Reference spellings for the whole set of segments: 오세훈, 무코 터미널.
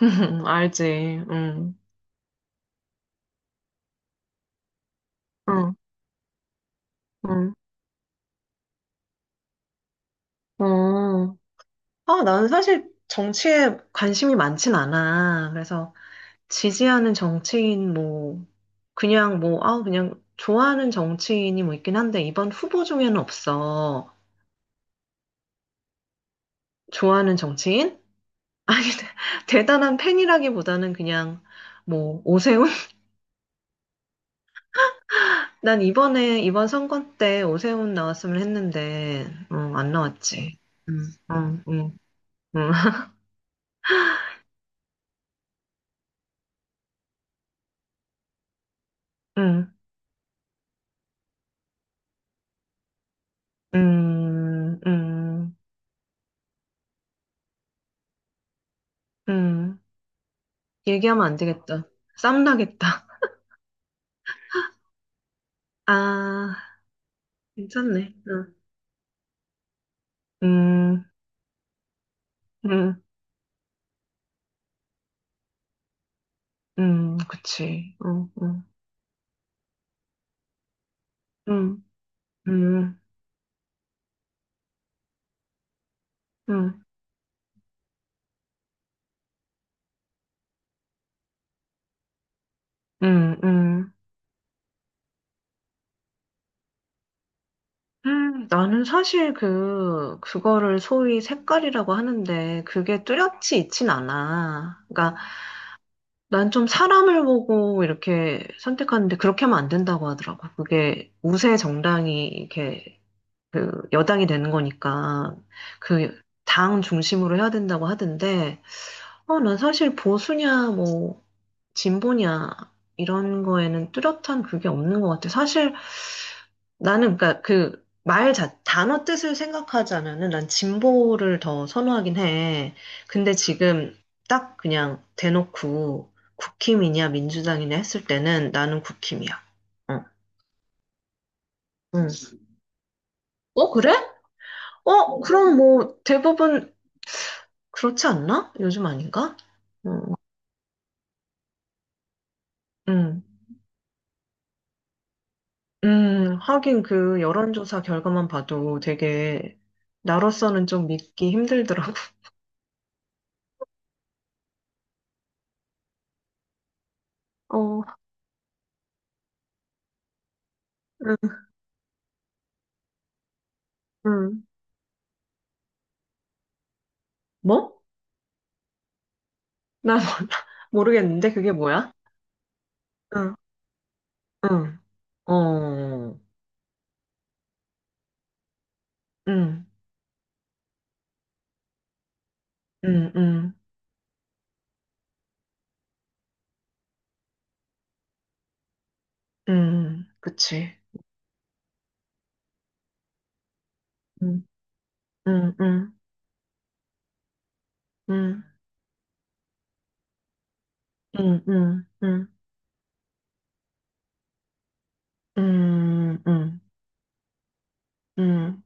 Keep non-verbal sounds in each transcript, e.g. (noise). (laughs) 알지. 응. 응. 응. 어. 아, 나는 사실 정치에 관심이 많진 않아. 그래서 지지하는 정치인 뭐 그냥 뭐 아, 그냥 좋아하는 정치인이 뭐 있긴 한데 이번 후보 중에는 없어. 좋아하는 정치인? 아니, (laughs) 대단한 팬이라기보다는 그냥 뭐 오세훈? (laughs) 난 이번 선거 때 오세훈 나왔으면 했는데 어, 안 나왔지. 응. 응. 응. 응. (laughs) 음, 음, 음. 얘기하면 안 되겠다. 쌈 나겠다. 아, 괜찮네. 응. 음, 음, 그치. 응, 응, 응, 응, 응, 응, 응. 나는 사실 그거를 소위 색깔이라고 하는데, 그게 뚜렷이 있진 않아. 그러니까, 난 좀 사람을 보고 이렇게 선택하는데, 그렇게 하면 안 된다고 하더라고. 그게 우세 정당이 이렇게 그 여당이 되는 거니까 그 당 중심으로 해야 된다고 하던데 어, 난 사실 보수냐 뭐 진보냐 이런 거에는 뚜렷한 그게 없는 것 같아. 사실 나는 그러니까 그 말 자, 단어 뜻을 생각하자면은 난 진보를 더 선호하긴 해. 근데 지금 딱 그냥 대놓고 국힘이냐 민주당이냐 했을 때는 나는 국힘이야. 어, 응. 어, 그래? 어, 그럼 뭐 대부분 그렇지 않나? 요즘 아닌가? 음, 음, 하긴 그 여론조사 결과만 봐도 되게 나로서는 좀 믿기 힘들더라고. 어, 음, 음. 뭐? 나 몰라. (laughs) 모르겠는데 그게 뭐야? 응, 응, 어, 응, 응, 응, 응, 그치. 응, 응, 응, 응, 응, 응, 응, 응, 응, 응.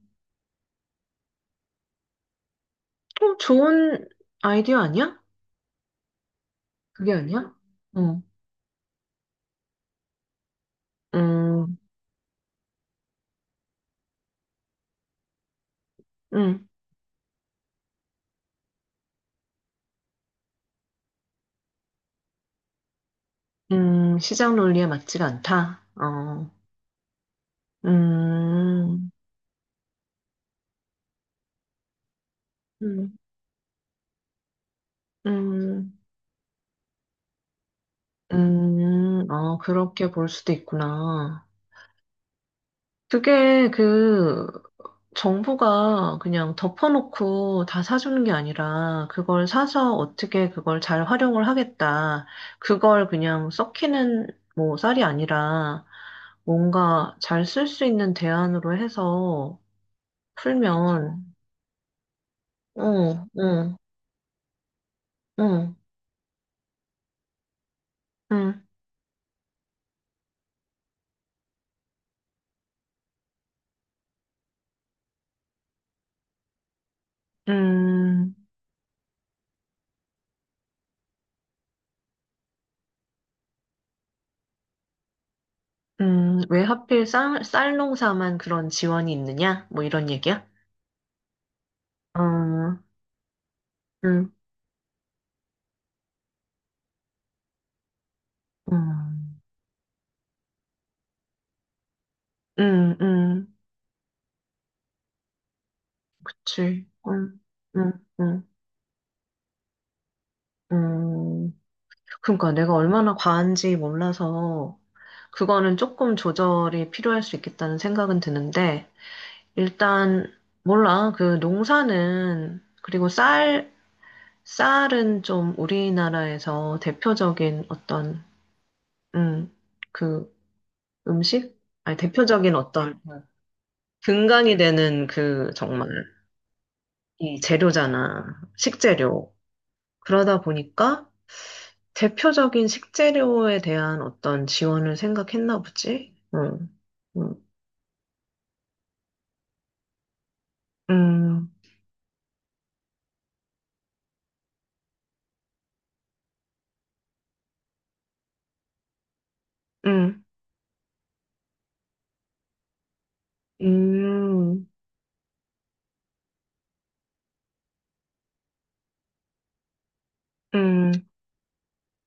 좀 좋은 아이디어 아니야? 그게 아니야? 어, 음, 음, 시장 논리에 맞지가 않다. 어, 음, 음, 음, 어, 그렇게 볼 수도 있구나. 그게 그 정부가 그냥 덮어놓고 다 사주는 게 아니라 그걸 사서 어떻게 그걸 잘 활용을 하겠다. 그걸 그냥 썩히는 뭐 쌀이 아니라 뭔가 잘 쓸 수 있는 대안으로 해서 풀면, 응, 응, 응, 응, 음, 왜 하필 쌀 농사만 그런 지원이 있느냐? 뭐 이런 얘기야? 음, 음, 음, 음, 음, 그치. 음, 음. 음, 그러니까 내가 얼마나 과한지 몰라서 그거는 조금 조절이 필요할 수 있겠다는 생각은 드는데 일단 몰라. 그 농사는 그리고 쌀 쌀은 좀 우리나라에서 대표적인 어떤 음, 그 음식? 아니 대표적인 어떤 근간이 되는 그 정말 이 재료잖아. 식재료. 그러다 보니까 대표적인 식재료에 대한 어떤 지원을 생각했나 보지? 응, 응, 음, 음, 음, 음,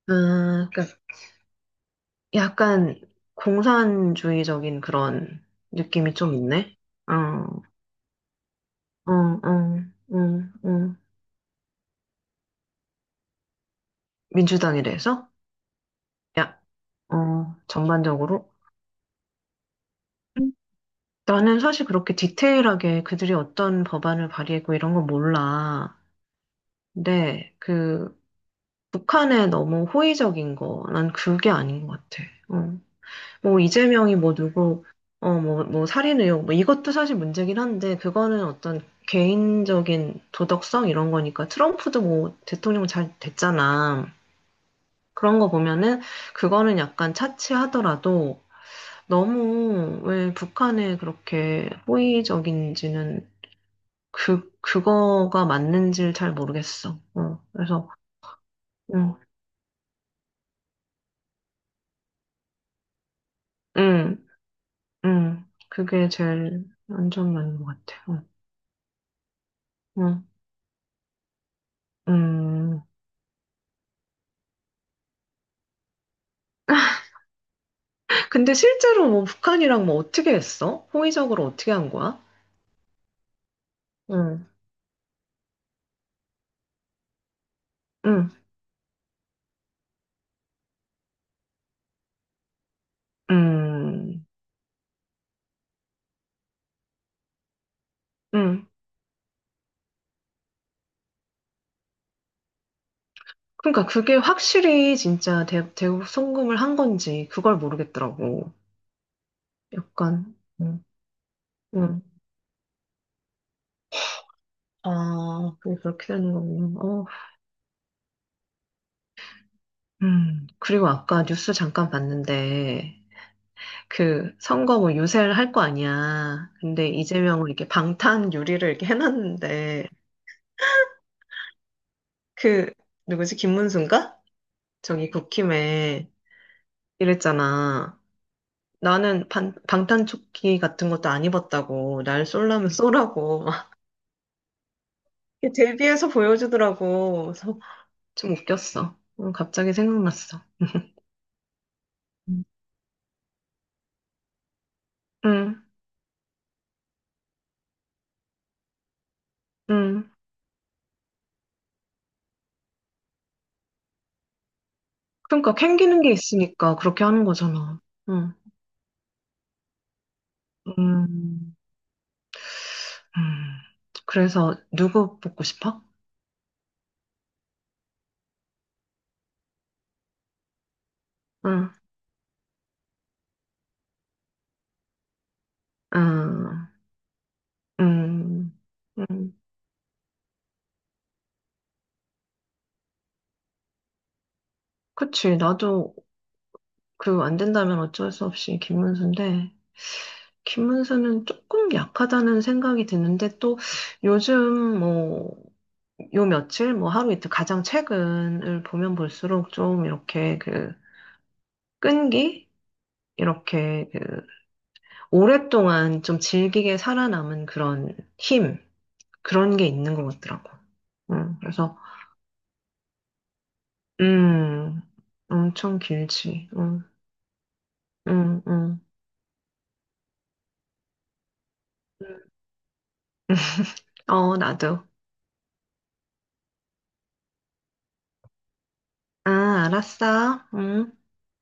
아, 그러니까 약간 공산주의적인 그런 느낌이 좀 있네. 어, 어, 어, 음, 음. 민주당에 대해서? 야, 어, 전반적으로? 음, 나는 사실 그렇게 디테일하게 그들이 어떤 법안을 발의했고 이런 건 몰라. 근데 그 북한에 너무 호의적인 거, 난 그게 아닌 것 같아. 어. 뭐, 이재명이 뭐 누구, 어, 뭐, 뭐 살인 의혹, 뭐 이것도 사실 문제긴 한데, 그거는 어떤 개인적인 도덕성 이런 거니까, 트럼프도 뭐 대통령 잘 됐잖아. 그런 거 보면은, 그거는 약간 차치하더라도, 너무 왜 북한에 그렇게 호의적인지는 그거가 맞는지를 잘 모르겠어. 어, 그래서, 응, 응. 그게 제일 안전한 것 같아요. 음, 음. 근데 실제로 뭐 북한이랑 뭐 어떻게 했어? 호의적으로 어떻게 한 거야? 응 응 응 응. 그러니까 그게 확실히 진짜 대북 송금을 한 건지 그걸 모르겠더라고. 약간, 응 응. 아, 그게 그렇게 되는 거군요. 어, 그리고 아까 뉴스 잠깐 봤는데, 그 선거 뭐 유세를 할 거 아니야. 근데 이재명을 이렇게 방탄 유리를 이렇게 해놨는데 그 누구지 김문수인가? 저기 국힘에 이랬잖아. 나는 방탄조끼 같은 것도 안 입었다고 날 쏠라면 쏘라고 막 (laughs) 데뷔해서 보여주더라고. 그래서 좀 웃겼어. 어, 갑자기 생각났어. 응, 응. 응. 그러니까 캥기는 게 있으니까 그렇게 하는 거잖아. 응. 음, 음. 그래서 누구 뽑고 싶어? 응, 응, 응, 응. 그치. 나도 그 안 된다면 어쩔 수 없이 김문수인데, 김문수는 조금 약하다는 생각이 드는데, 또 요즘 뭐, 요 며칠, 뭐 하루 이틀 가장 최근을 보면 볼수록 좀 이렇게 그 끈기? 이렇게 그 오랫동안 좀 질기게 살아남은 그런 힘, 그런 게 있는 것 같더라고. 응, 그래서 음, 엄청 길지. 응, 응, 응. 응. 어, 나도. 아, 알았어. 응.